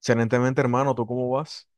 Excelentemente, hermano, ¿tú cómo vas?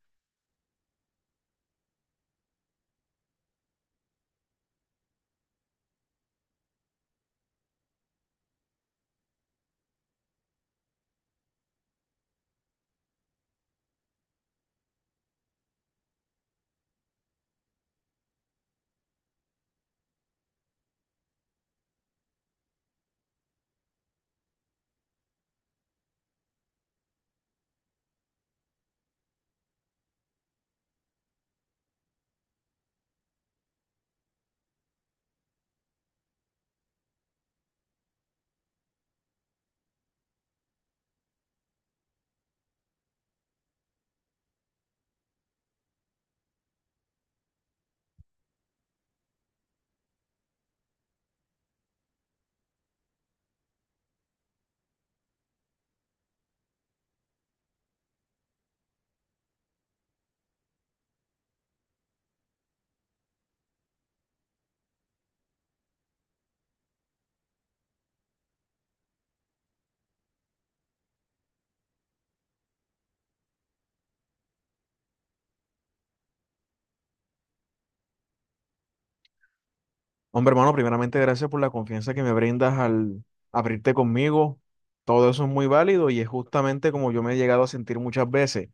Hombre, hermano, primeramente gracias por la confianza que me brindas al abrirte conmigo. Todo eso es muy válido y es justamente como yo me he llegado a sentir muchas veces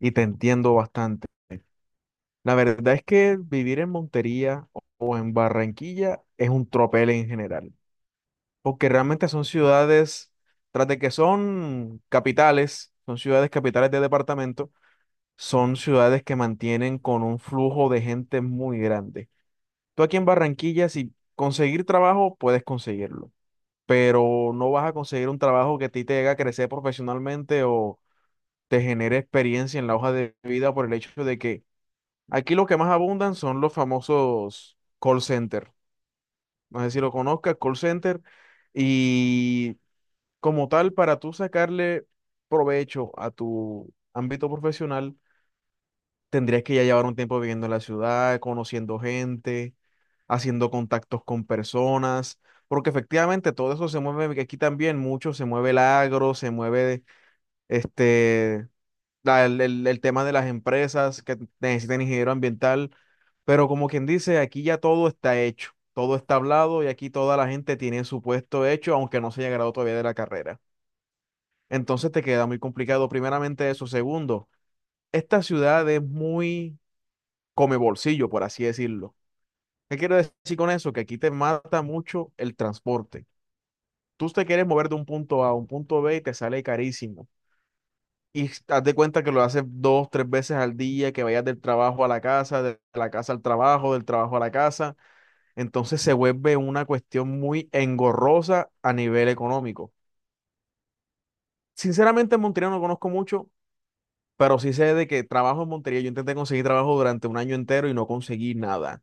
y te entiendo bastante. La verdad es que vivir en Montería o en Barranquilla es un tropel en general, porque realmente son ciudades, tras de que son capitales, son ciudades capitales de departamento, son ciudades que mantienen con un flujo de gente muy grande. Tú aquí en Barranquilla, si conseguir trabajo, puedes conseguirlo, pero no vas a conseguir un trabajo que a ti te haga crecer profesionalmente o te genere experiencia en la hoja de vida por el hecho de que aquí lo que más abundan son los famosos call center. No sé si lo conozcas, call center. Y como tal, para tú sacarle provecho a tu ámbito profesional, tendrías que ya llevar un tiempo viviendo en la ciudad, conociendo gente, haciendo contactos con personas, porque efectivamente todo eso se mueve, que aquí también mucho se mueve el agro, se mueve este, el tema de las empresas que necesitan ingeniero ambiental, pero como quien dice, aquí ya todo está hecho, todo está hablado y aquí toda la gente tiene su puesto hecho, aunque no se haya graduado todavía de la carrera. Entonces te queda muy complicado, primeramente eso. Segundo, esta ciudad es muy come bolsillo, por así decirlo. ¿Qué quiero decir con eso? Que aquí te mata mucho el transporte. Tú te quieres mover de un punto A a un punto B y te sale carísimo. Y haz de cuenta que lo haces dos, tres veces al día, que vayas del trabajo a la casa, de la casa al trabajo, del trabajo a la casa. Entonces se vuelve una cuestión muy engorrosa a nivel económico. Sinceramente, en Montería no conozco mucho, pero sí sé de que trabajo en Montería, yo intenté conseguir trabajo durante un año entero y no conseguí nada,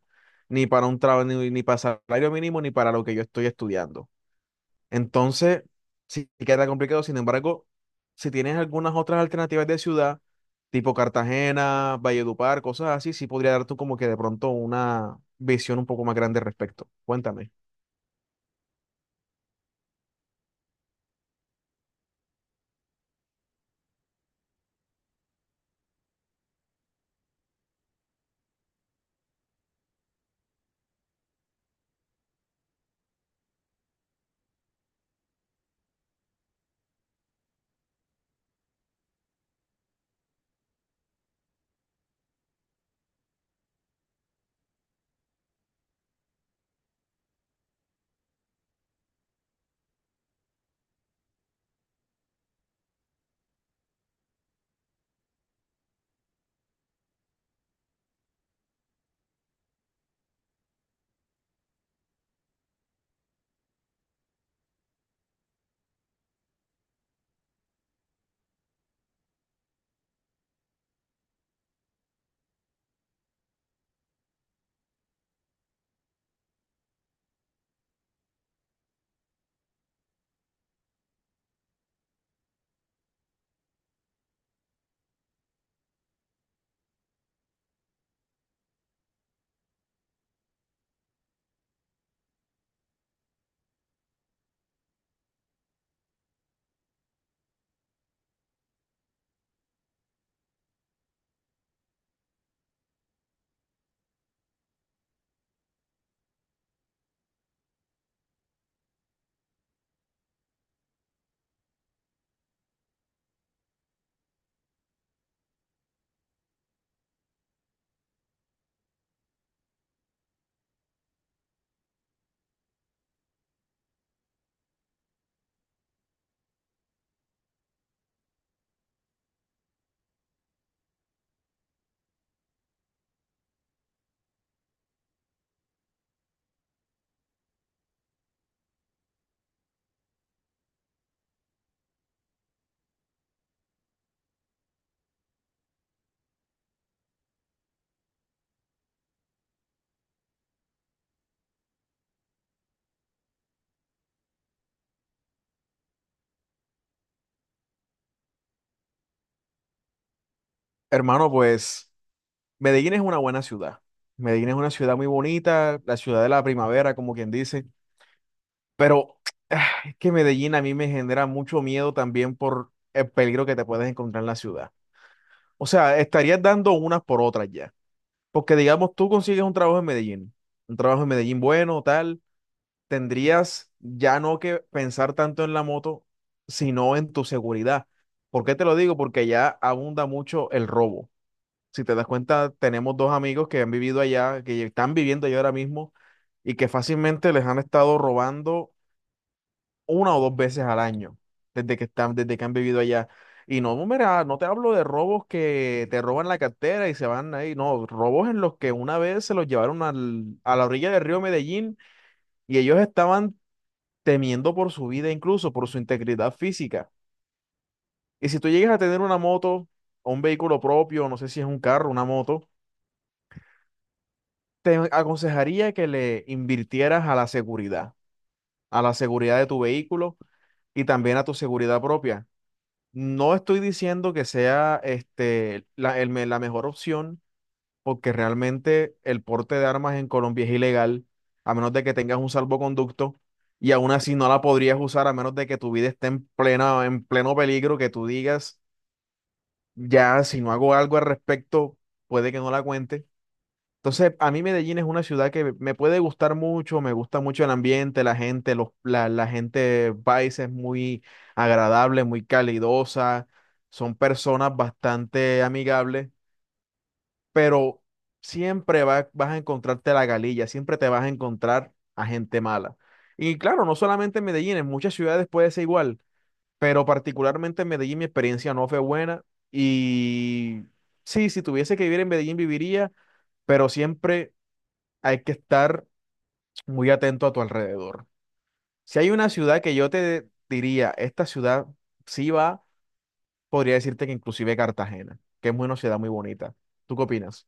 ni para un trabajo, ni para salario mínimo, ni para lo que yo estoy estudiando. Entonces, sí queda complicado. Sin embargo, si tienes algunas otras alternativas de ciudad, tipo Cartagena, Valledupar, cosas así, sí podría dar tú como que de pronto una visión un poco más grande al respecto. Cuéntame. Hermano, pues Medellín es una buena ciudad. Medellín es una ciudad muy bonita, la ciudad de la primavera, como quien dice. Pero es que Medellín a mí me genera mucho miedo también por el peligro que te puedes encontrar en la ciudad. O sea, estarías dando unas por otras ya. Porque digamos, tú consigues un trabajo en Medellín, un trabajo en Medellín bueno, tal, tendrías ya no que pensar tanto en la moto, sino en tu seguridad. ¿Por qué te lo digo? Porque ya abunda mucho el robo. Si te das cuenta, tenemos dos amigos que han vivido allá, que están viviendo allá ahora mismo y que fácilmente les han estado robando una o dos veces al año, desde que están, desde que han vivido allá. Y no, mira, no te hablo de robos que te roban la cartera y se van ahí, no, robos en los que una vez se los llevaron a la orilla del río Medellín y ellos estaban temiendo por su vida, incluso por su integridad física. Y si tú llegas a tener una moto o un vehículo propio, no sé si es un carro, una moto, te aconsejaría que le invirtieras a la seguridad de tu vehículo y también a tu seguridad propia. No estoy diciendo que sea la mejor opción, porque realmente el porte de armas en Colombia es ilegal, a menos de que tengas un salvoconducto, y aún así no la podrías usar a menos de que tu vida esté en pleno peligro, que tú digas, ya, si no hago algo al respecto, puede que no la cuente. Entonces, a mí Medellín es una ciudad que me puede gustar mucho, me gusta mucho el ambiente, la gente, la gente paisa es muy agradable, muy calidosa, son personas bastante amigables, pero siempre vas a encontrarte la galilla, siempre te vas a encontrar a gente mala. Y claro, no solamente en Medellín, en muchas ciudades puede ser igual, pero particularmente en Medellín mi experiencia no fue buena y sí, si tuviese que vivir en Medellín viviría, pero siempre hay que estar muy atento a tu alrededor. Si hay una ciudad que yo te diría, esta ciudad sí va, podría decirte que inclusive Cartagena, que es una ciudad muy bonita. ¿Tú qué opinas?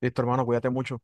Listo, hermano, cuídate mucho.